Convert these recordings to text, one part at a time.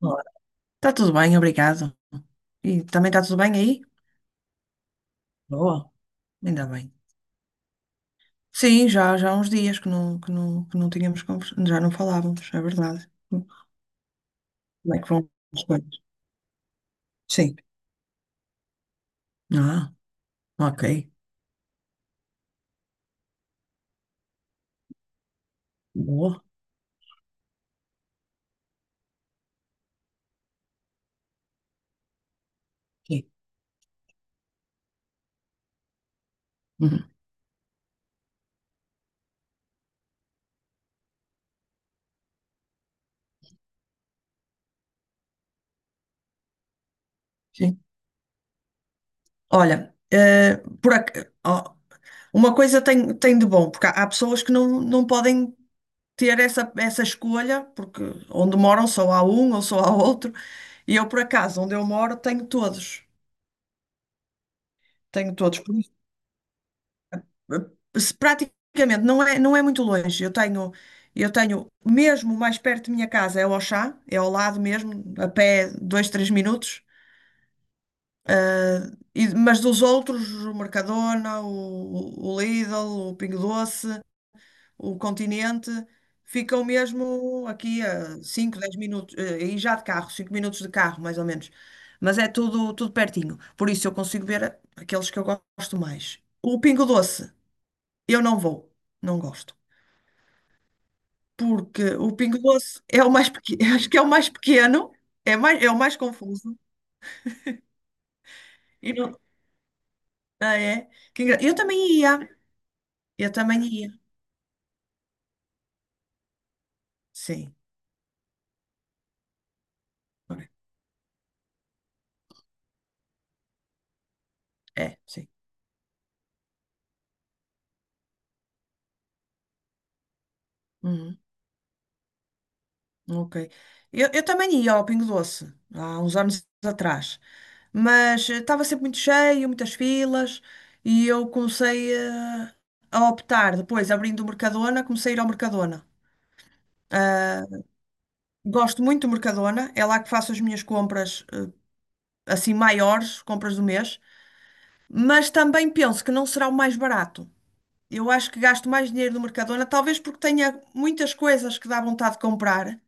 Olá. Está tudo bem, obrigado. E também está tudo bem aí? Boa, ainda bem. Sim, já há uns dias que não tínhamos conversado, já não falávamos, é verdade. Como é que vão as coisas? Sim. Ah, ok. Boa. Sim. Uhum. Sim. Olha, ó, uma coisa tem de bom, porque há pessoas que não podem ter essa escolha, porque onde moram só há um ou só há outro, e eu, por acaso, onde eu moro, tenho todos. Tenho todos. Se praticamente não é muito longe. Eu tenho mesmo mais perto de minha casa é o Auchan, é ao lado mesmo, a pé 2, 3 minutos. Ah, mas dos outros, o Mercadona, o Lidl, o Pingo Doce, o Continente, ficam mesmo aqui a 5, 10 minutos, e já de carro, 5 minutos de carro, mais ou menos. Mas é tudo, tudo pertinho. Por isso eu consigo ver aqueles que eu gosto mais. O Pingo Doce, eu não vou, não gosto. Porque o Pingo Doce é o mais pequeno, acho que é o mais pequeno, é o mais confuso. E não, ah, é? Eu também ia. Sim, ok. É, sim. Uhum, ok. Eu também ia ao Pingo Doce, há uns anos atrás, mas estava sempre muito cheio, muitas filas, e eu comecei a optar, depois abrindo o Mercadona, comecei a ir ao Mercadona. Ah, gosto muito do Mercadona, é lá que faço as minhas compras assim maiores, compras do mês, mas também penso que não será o mais barato. Eu acho que gasto mais dinheiro no Mercadona, talvez porque tenha muitas coisas que dá vontade de comprar.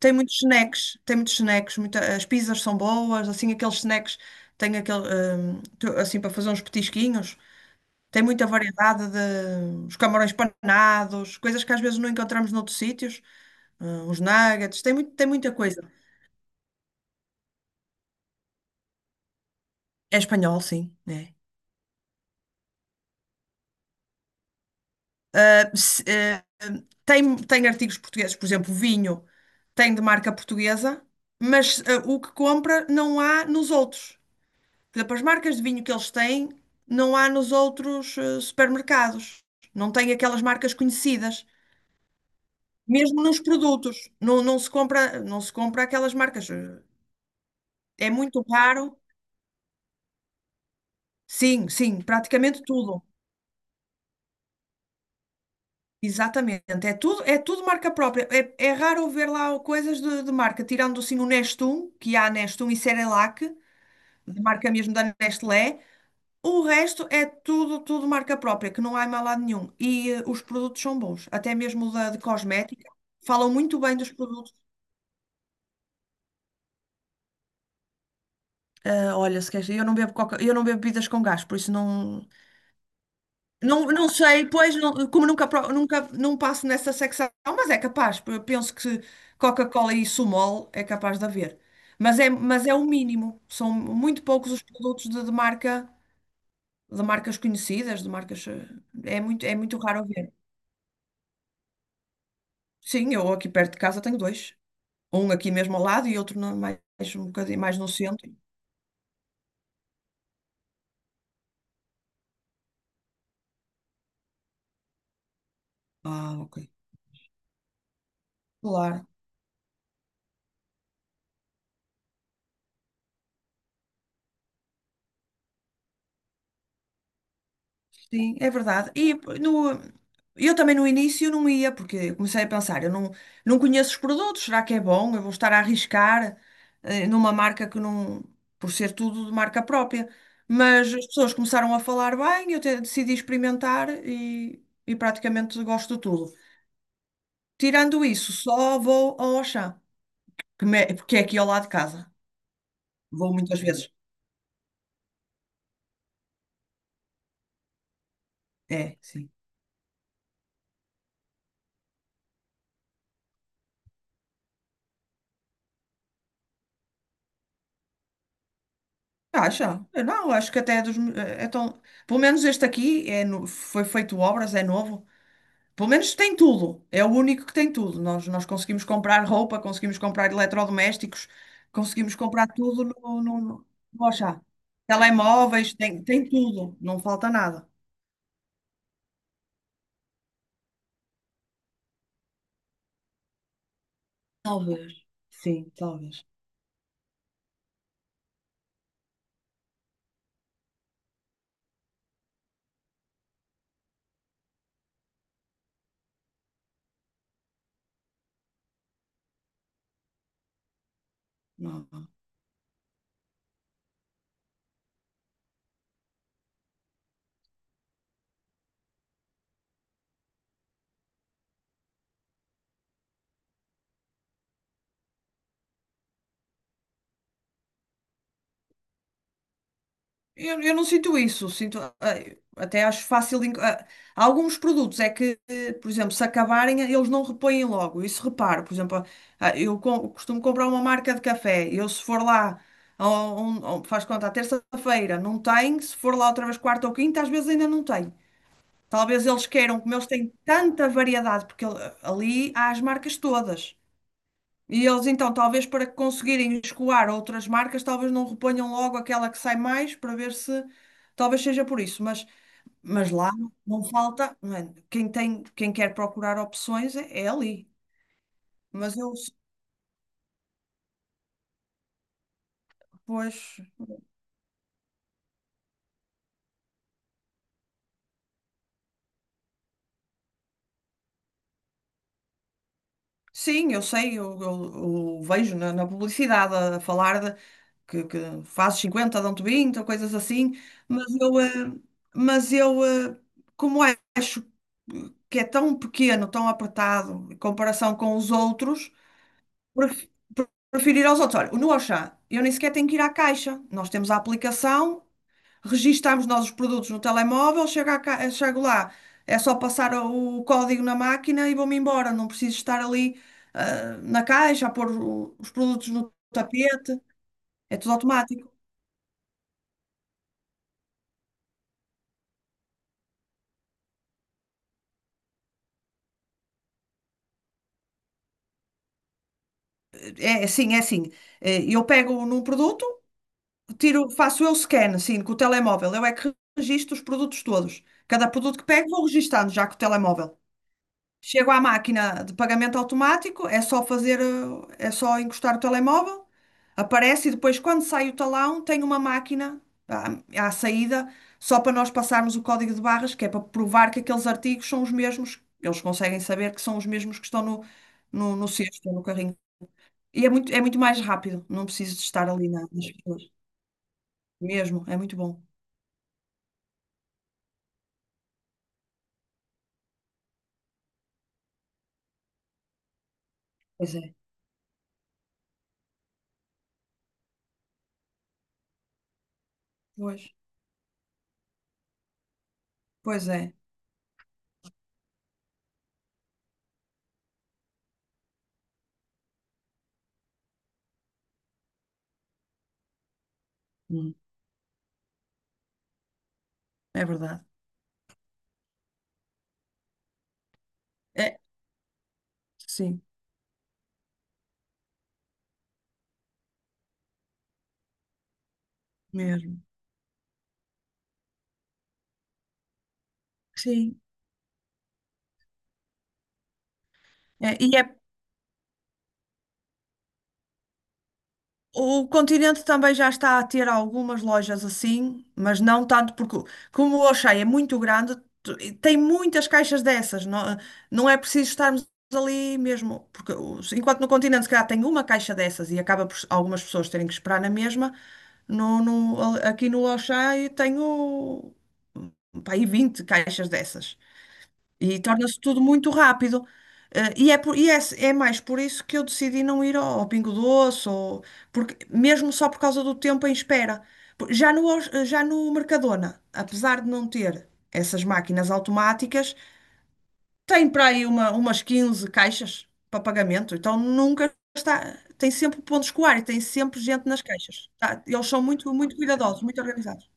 Tem muitos snacks, as pizzas são boas, assim aqueles snacks, tem aquele, assim para fazer uns petisquinhos. Tem muita variedade de os camarões panados, coisas que às vezes não encontramos noutros sítios, os nuggets, tem muita coisa. É espanhol, sim, né? se- eh, tem artigos portugueses, por exemplo, vinho tem de marca portuguesa, mas o que compra não há nos outros. Por exemplo, as marcas de vinho que eles têm não há nos outros supermercados. Não tem aquelas marcas conhecidas. Mesmo nos produtos, não se compra aquelas marcas. É muito raro. Sim, sim, praticamente tudo. Exatamente, é tudo marca própria. É raro ver lá coisas de marca, tirando assim o Nestum, que há Nestum e Cerelac, de marca mesmo da Nestlé. O resto é tudo, tudo marca própria, que não há em mais lado nenhum. E os produtos são bons, até mesmo de cosmética. Falam muito bem dos produtos. Ah, olha, se queres, eu não bebo coca, eu não bebo bebidas com gás, por isso não. Não, não sei, pois, como nunca, nunca não passo nessa secção, mas é capaz, eu penso que Coca-Cola e Sumol é capaz de haver. Mas é o mínimo, são muito poucos os produtos de marca, de marcas conhecidas, de marcas, é muito raro ver. Sim, eu aqui perto de casa tenho dois, um aqui mesmo ao lado e outro mais um bocadinho mais no centro. Ah, ok. Claro. Sim, é verdade. E no, eu também no início não ia, porque comecei a pensar, eu não conheço os produtos, será que é bom? Eu vou estar a arriscar numa marca que não, por ser tudo de marca própria. Mas as pessoas começaram a falar bem, eu decidi experimentar e praticamente gosto de tudo. Tirando isso, só vou ao Auchan, porque é aqui ao lado de casa. Vou muitas vezes. É, sim. Acha? Eu não, acho que até é dos. É tão. Pelo menos este aqui foi feito obras, é novo. Pelo menos tem tudo. É o único que tem tudo. Nós conseguimos comprar roupa, conseguimos comprar eletrodomésticos, conseguimos comprar tudo no Auchan. Telemóveis, tem tudo. Não falta nada. Talvez. Sim, talvez. Não, não. Eu não sinto isso, sinto, até acho fácil. Há alguns produtos é que, por exemplo, se acabarem, eles não repõem logo. Isso reparo, por exemplo, eu costumo comprar uma marca de café. Eu, se for lá, faz conta, à terça-feira não tem, se for lá outra vez quarta ou quinta, às vezes ainda não tem. Talvez eles queiram, como eles têm tanta variedade, porque ali há as marcas todas. E eles então, talvez para conseguirem escoar outras marcas, talvez não reponham logo aquela que sai mais para ver se talvez seja por isso, mas lá não falta, não é? Quem tem, quem quer procurar opções é ali. Mas eu, pois, sim, eu sei, eu vejo na publicidade a falar que fazes 50, dão-te 20, ou coisas assim, mas eu, eh, mas eu, como acho que é tão pequeno, tão apertado em comparação com os outros, pref- prefiro ir aos outros. Olha, no Auchan, eu nem sequer tenho que ir à caixa. Nós temos a aplicação, registamos nós os produtos no telemóvel, chego, à ca- eh, chego lá, é só passar o código na máquina e vou-me embora. Não preciso estar ali, na caixa a pôr os produtos no tapete. É tudo automático. É assim, é assim. Eu pego num produto, tiro, faço eu scan, sim, com o telemóvel. Eu é que registro os produtos todos. Cada produto que pego, vou registando já com o telemóvel. Chego à máquina de pagamento automático, é só encostar o telemóvel, aparece e depois, quando sai o talão, tem uma máquina à saída, só para nós passarmos o código de barras, que é para provar que aqueles artigos são os mesmos. Eles conseguem saber que são os mesmos que estão no cesto, ou no carrinho. E é muito mais rápido, não preciso de estar ali nas pessoas. Mesmo, é muito bom. Pois é. Pois, pois é. Hum, é verdade. É, sim, mesmo. Sim. É, e é, O Continente também já está a ter algumas lojas assim, mas não tanto, porque como o Auchan é muito grande, e tem muitas caixas dessas, não é preciso estarmos ali mesmo, porque enquanto no Continente se calhar tem uma caixa dessas e acaba por algumas pessoas terem que esperar na mesma, aqui no Auchan eu tenho, pá, aí 20 caixas dessas. E torna-se tudo muito rápido. Eh, e é, por- e é, é mais por isso que eu decidi não ir ao, Pingo Doce, ou, porque, mesmo só por causa do tempo em espera. Já no Mercadona, apesar de não ter essas máquinas automáticas, tem para aí umas 15 caixas para pagamento. Então nunca está. Tem sempre o ponto de escoar e tem sempre gente nas caixas. Tá? Eles são muito, muito cuidadosos, muito organizados.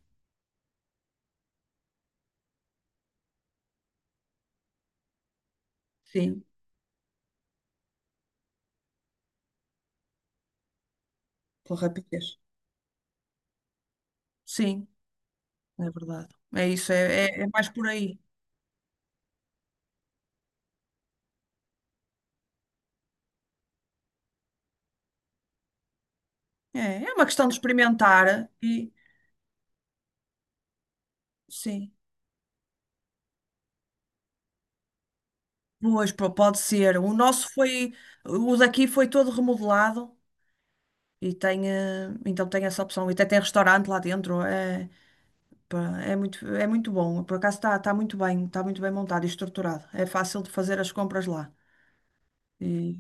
Sim, pela rapidez. Sim, é verdade. É isso, é mais por aí. É uma questão de experimentar e sim, pois pô, pode ser. O daqui foi todo remodelado e então tem essa opção. E até tem restaurante lá dentro. É, pá, é muito bom. Por acaso está muito bem, está muito bem montado e estruturado. É fácil de fazer as compras lá. E-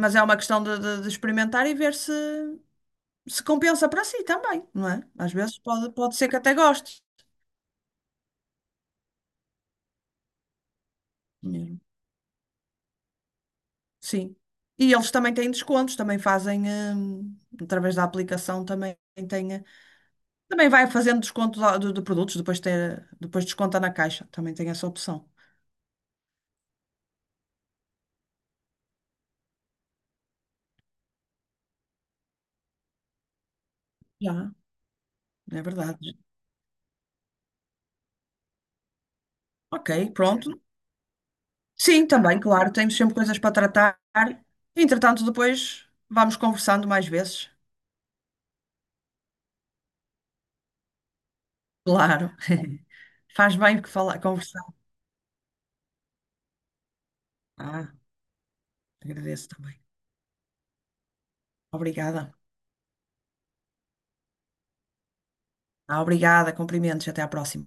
mas é uma questão de experimentar e ver se se compensa para si também, não é? Às vezes pode ser que até goste. Sim. E eles também têm descontos, também fazem, hum, através da aplicação, também tem, também vai fazendo desconto lá de produtos, depois desconta na caixa, também tem essa opção. Já, é verdade. Ok, pronto. Sim, também, claro, temos sempre coisas para tratar. Entretanto, depois vamos conversando mais vezes. Claro. Faz bem que falar, conversar. Ah, agradeço também. Obrigada. Ah, obrigada, cumprimentos, até à próxima.